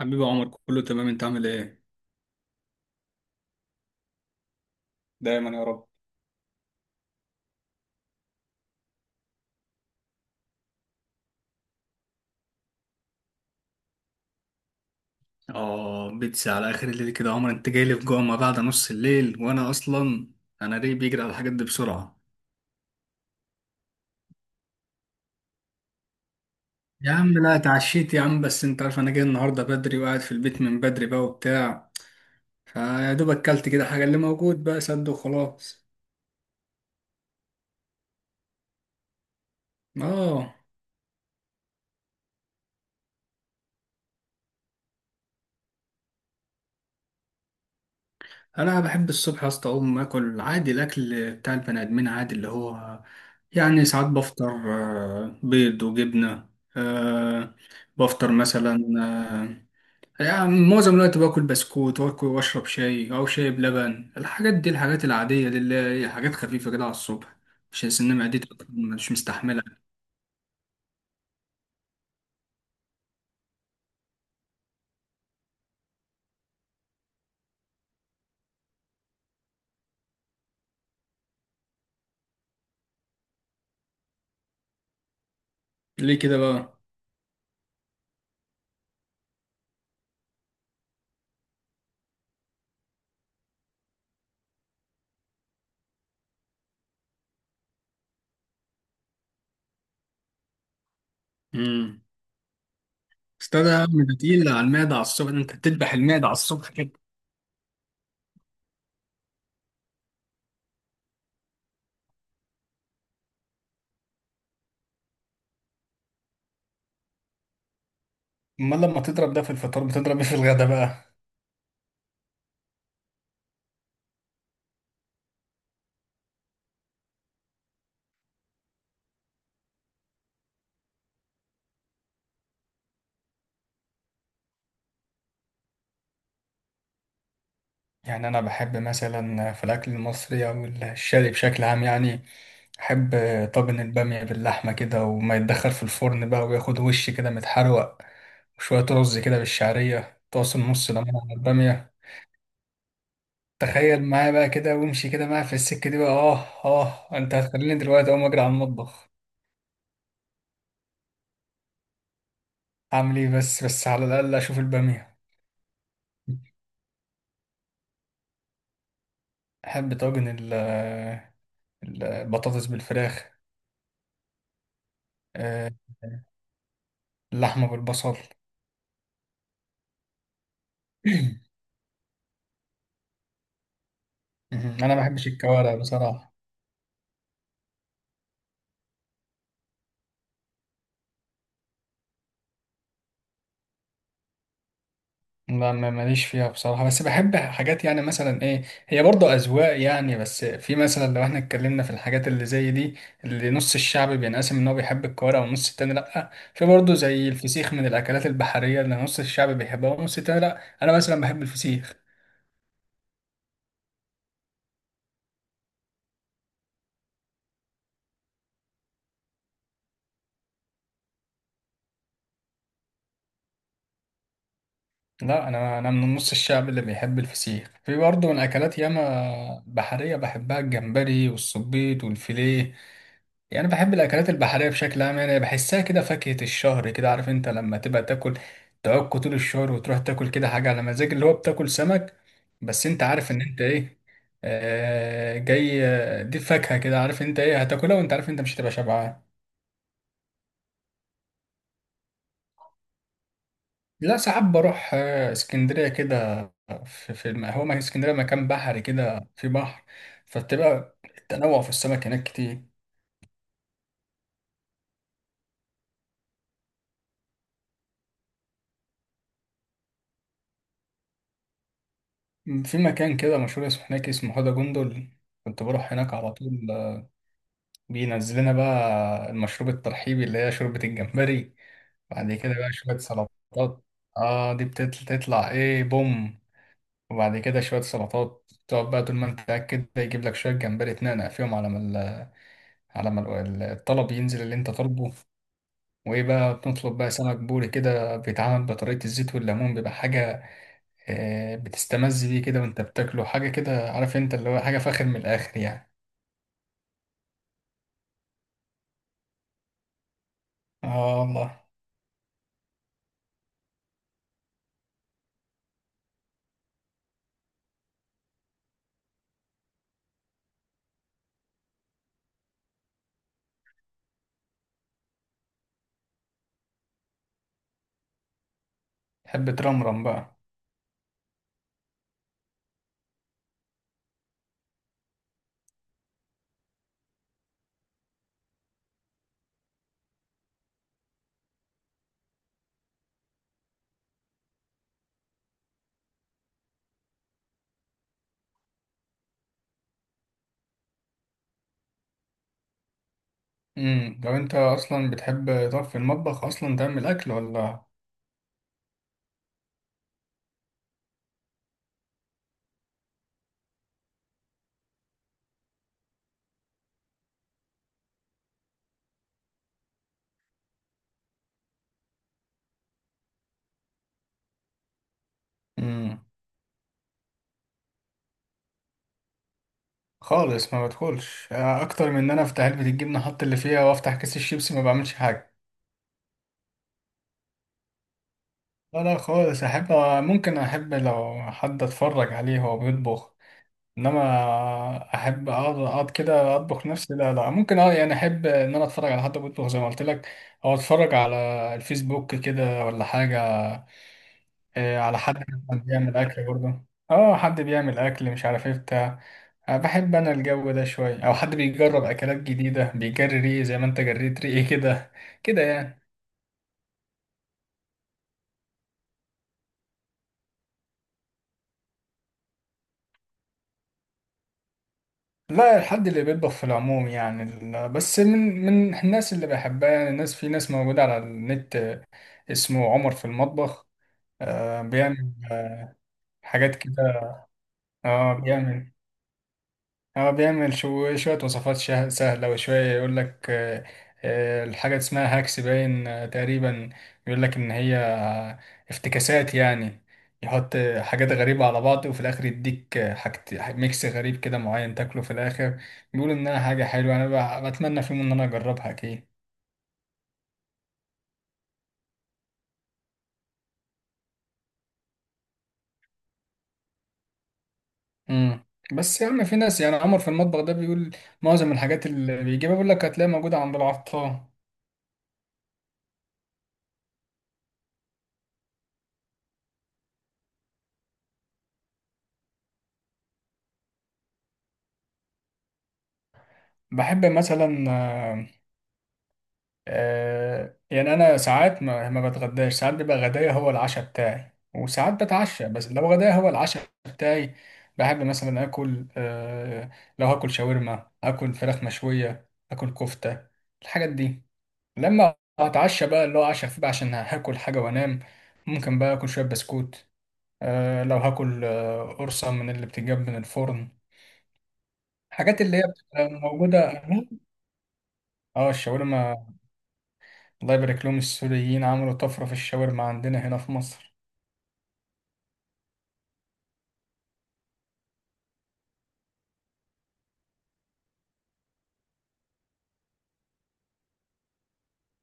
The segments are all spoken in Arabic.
حبيبي عمر كله تمام، انت عامل ايه؟ دايما يا رب. اه بيتسي على اخر الليل كده يا عمر، انت جاي لي في جوع ما بعد نص الليل، وانا اصلا انا ريقي بيجري على الحاجات دي بسرعه. يا عم لا اتعشيت يا عم، بس انت عارف انا جاي النهارده بدري وقاعد في البيت من بدري بقى وبتاع، فيا دوب اكلت كده حاجه اللي موجود بقى سد وخلاص. اه انا بحب الصبح يا اسطى اقوم اكل عادي، الاكل بتاع البني ادمين عادي اللي هو يعني ساعات بفطر بيض وجبنه، آه، بفطر مثلا يعني معظم الوقت باكل بسكوت واكل واشرب شاي او شاي بلبن، الحاجات دي الحاجات العاديه دي اللي هي حاجات خفيفه كده على الصبح، عشان سن معدتي مش مستحملها. ليه كده بقى؟ امم استاذ يا عم، ده تقيل على المعده على الصبح، انت بتذبح المعده على الصبح كده. امال لما تضرب ده في الفطار بتضرب ايه في الغدا بقى؟ يعني أنا بحب مثلا في الأكل المصري أو الشرقي بشكل عام، يعني أحب طاجن البامية باللحمة كده وما يتدخل في الفرن بقى وياخد وش كده متحروق، وشوية رز كده بالشعرية طاسة نص ليمون على البامية. تخيل معايا بقى كده وامشي كده معايا في السكة دي بقى، آه. آه أنت هتخليني دلوقتي أقوم أجري على المطبخ. أعمل إيه، بس على الأقل أشوف البامية. أحب طاجن البطاطس بالفراخ، آه، اللحمة بالبصل. مم. انا ما بحبش الكوارع بصراحه. لا ماليش فيها بصراحه، بس بحب حاجات يعني مثلا ايه، هي برضه اذواق يعني، بس في مثلا لو احنا اتكلمنا في الحاجات اللي زي دي، اللي نص الشعب بينقسم ان هو بيحب الكوارع والنص التاني لا، في برضه زي الفسيخ من الاكلات البحريه اللي نص الشعب بيحبها والنص التاني لا، انا مثلا بحب الفسيخ. لا انا من نص الشعب اللي بيحب الفسيخ، في برضه من اكلات ياما بحريه بحبها الجمبري والصبيط والفيليه، يعني بحب الاكلات البحريه بشكل عام، يعني بحسها كده فاكهه الشهر كده، عارف انت لما تبقى تاكل تعك طول الشهر وتروح تاكل كده حاجه على مزاج اللي هو بتاكل سمك، بس انت عارف ان انت ايه، آه جاي دي فاكهه كده، عارف انت ايه هتاكلها وانت عارف انت مش هتبقى شبعان. لا ساعات بروح اسكندريه كده، في هو ما اسكندريه مكان بحري كده في بحر، فبتبقى التنوع في السمك هناك كتير. في مكان كده مشهور اسمه هناك اسمه حوضة جندل، كنت بروح هناك على طول. بينزلنا بقى المشروب الترحيبي اللي هي شوربة الجمبري، بعد كده بقى شوية سلطات، اه دي بتطلع ايه بوم، وبعد كده شوية سلطات تقعد بقى طول ما انت قاعد كده يجيب لك شوية جمبري تنقنق فيهم على ما ال- على ما ال- الطلب ينزل اللي انت طالبه، وايه بقى بنطلب بقى سمك بوري كده بيتعمل بطريقة الزيت والليمون، بيبقى حاجة بتستمز بيه كده وانت بتاكله حاجة كده، عارف انت اللي هو حاجة فاخر من الآخر يعني. اه والله. تحب ترمرم بقى؟ لو انت اصلا بتحب تقف في المطبخ اصلا تعمل اكل ولا؟ امم خالص، ما بدخلش اكتر من ان انا افتح علبة الجبنة احط اللي فيها وافتح كيس الشيبسي، ما بعملش حاجة. لا لا خالص احب، ممكن احب لو حد اتفرج عليه وهو بيطبخ، انما احب اقعد كده اطبخ نفسي لا لا ممكن، اه يعني احب ان انا اتفرج على حد بيطبخ زي ما قلت لك، او اتفرج على الفيسبوك كده ولا حاجة، على حد مثلاً بيعمل أكل برضه. اه حد بيعمل أكل مش عارف ايه بتاع، بحب أنا الجو ده شوية أو حد بيجرب أكلات جديدة بيجري ريقي زي ما أنت جريت ريقي كده، كده يعني. لا الحد اللي بيطبخ في العموم، يعني بس من الناس اللي بحبها يعني، الناس في ناس موجودة على النت، اسمه عمر في المطبخ، بيعمل حاجات كده. اه بيعمل، هو بيعمل شوية وصفات سهلة، وشوية يقول لك الحاجة اسمها هاكس باين تقريبا، يقول لك إن هي افتكاسات يعني، يحط حاجات غريبة على بعض، وفي الآخر يديك حاجة ميكس غريب كده معين تاكله في الآخر، بيقول إنها حاجة حلوة، أنا بتمنى في يوم إن أنا أجربها أكيد. مم. بس يا عم في ناس يعني عمر في المطبخ ده بيقول معظم الحاجات اللي بيجيبها بيقول لك هتلاقيها موجودة عند العطار. بحب مثلا يعني انا ساعات ما بتغداش، ساعات بيبقى غدايا هو العشاء بتاعي وساعات بتعشى، بس لو غدايا هو العشاء بتاعي بحب مثلا اكل لو هاكل شاورما اكل فراخ مشوية اكل كفتة الحاجات دي، لما اتعشى بقى اللي هو عشاء خفيف عشان هاكل حاجة وانام، ممكن بقى اكل شوية بسكوت، لو هاكل قرصة من اللي بتتجاب من الفرن، الحاجات اللي هي بتبقى موجودة. اه الشاورما، الله يبارك لهم السوريين عملوا طفرة في الشاورما عندنا هنا في مصر.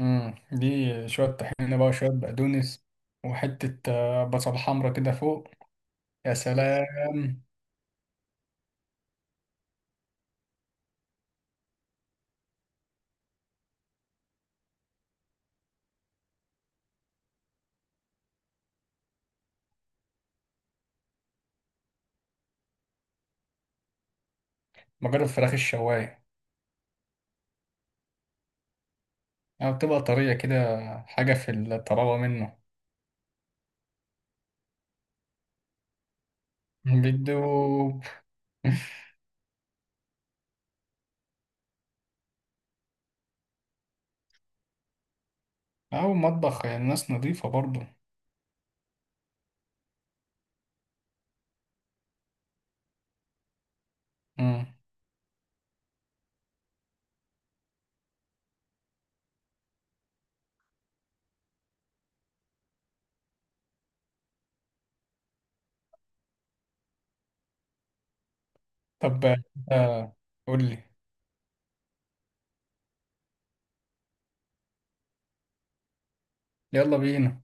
امم، دي شوية طحينة بقى وشوية بقدونس، وحتة بصل حمرا كده فوق، يا سلام. مجرد فراخ الشواية، يعني بتبقى طرية كده، حاجة في الطراوة منه، بيدوب. أو مطبخ يعني ناس نظيفة برضه. امم. طب آه، قول لي. يلا بينا.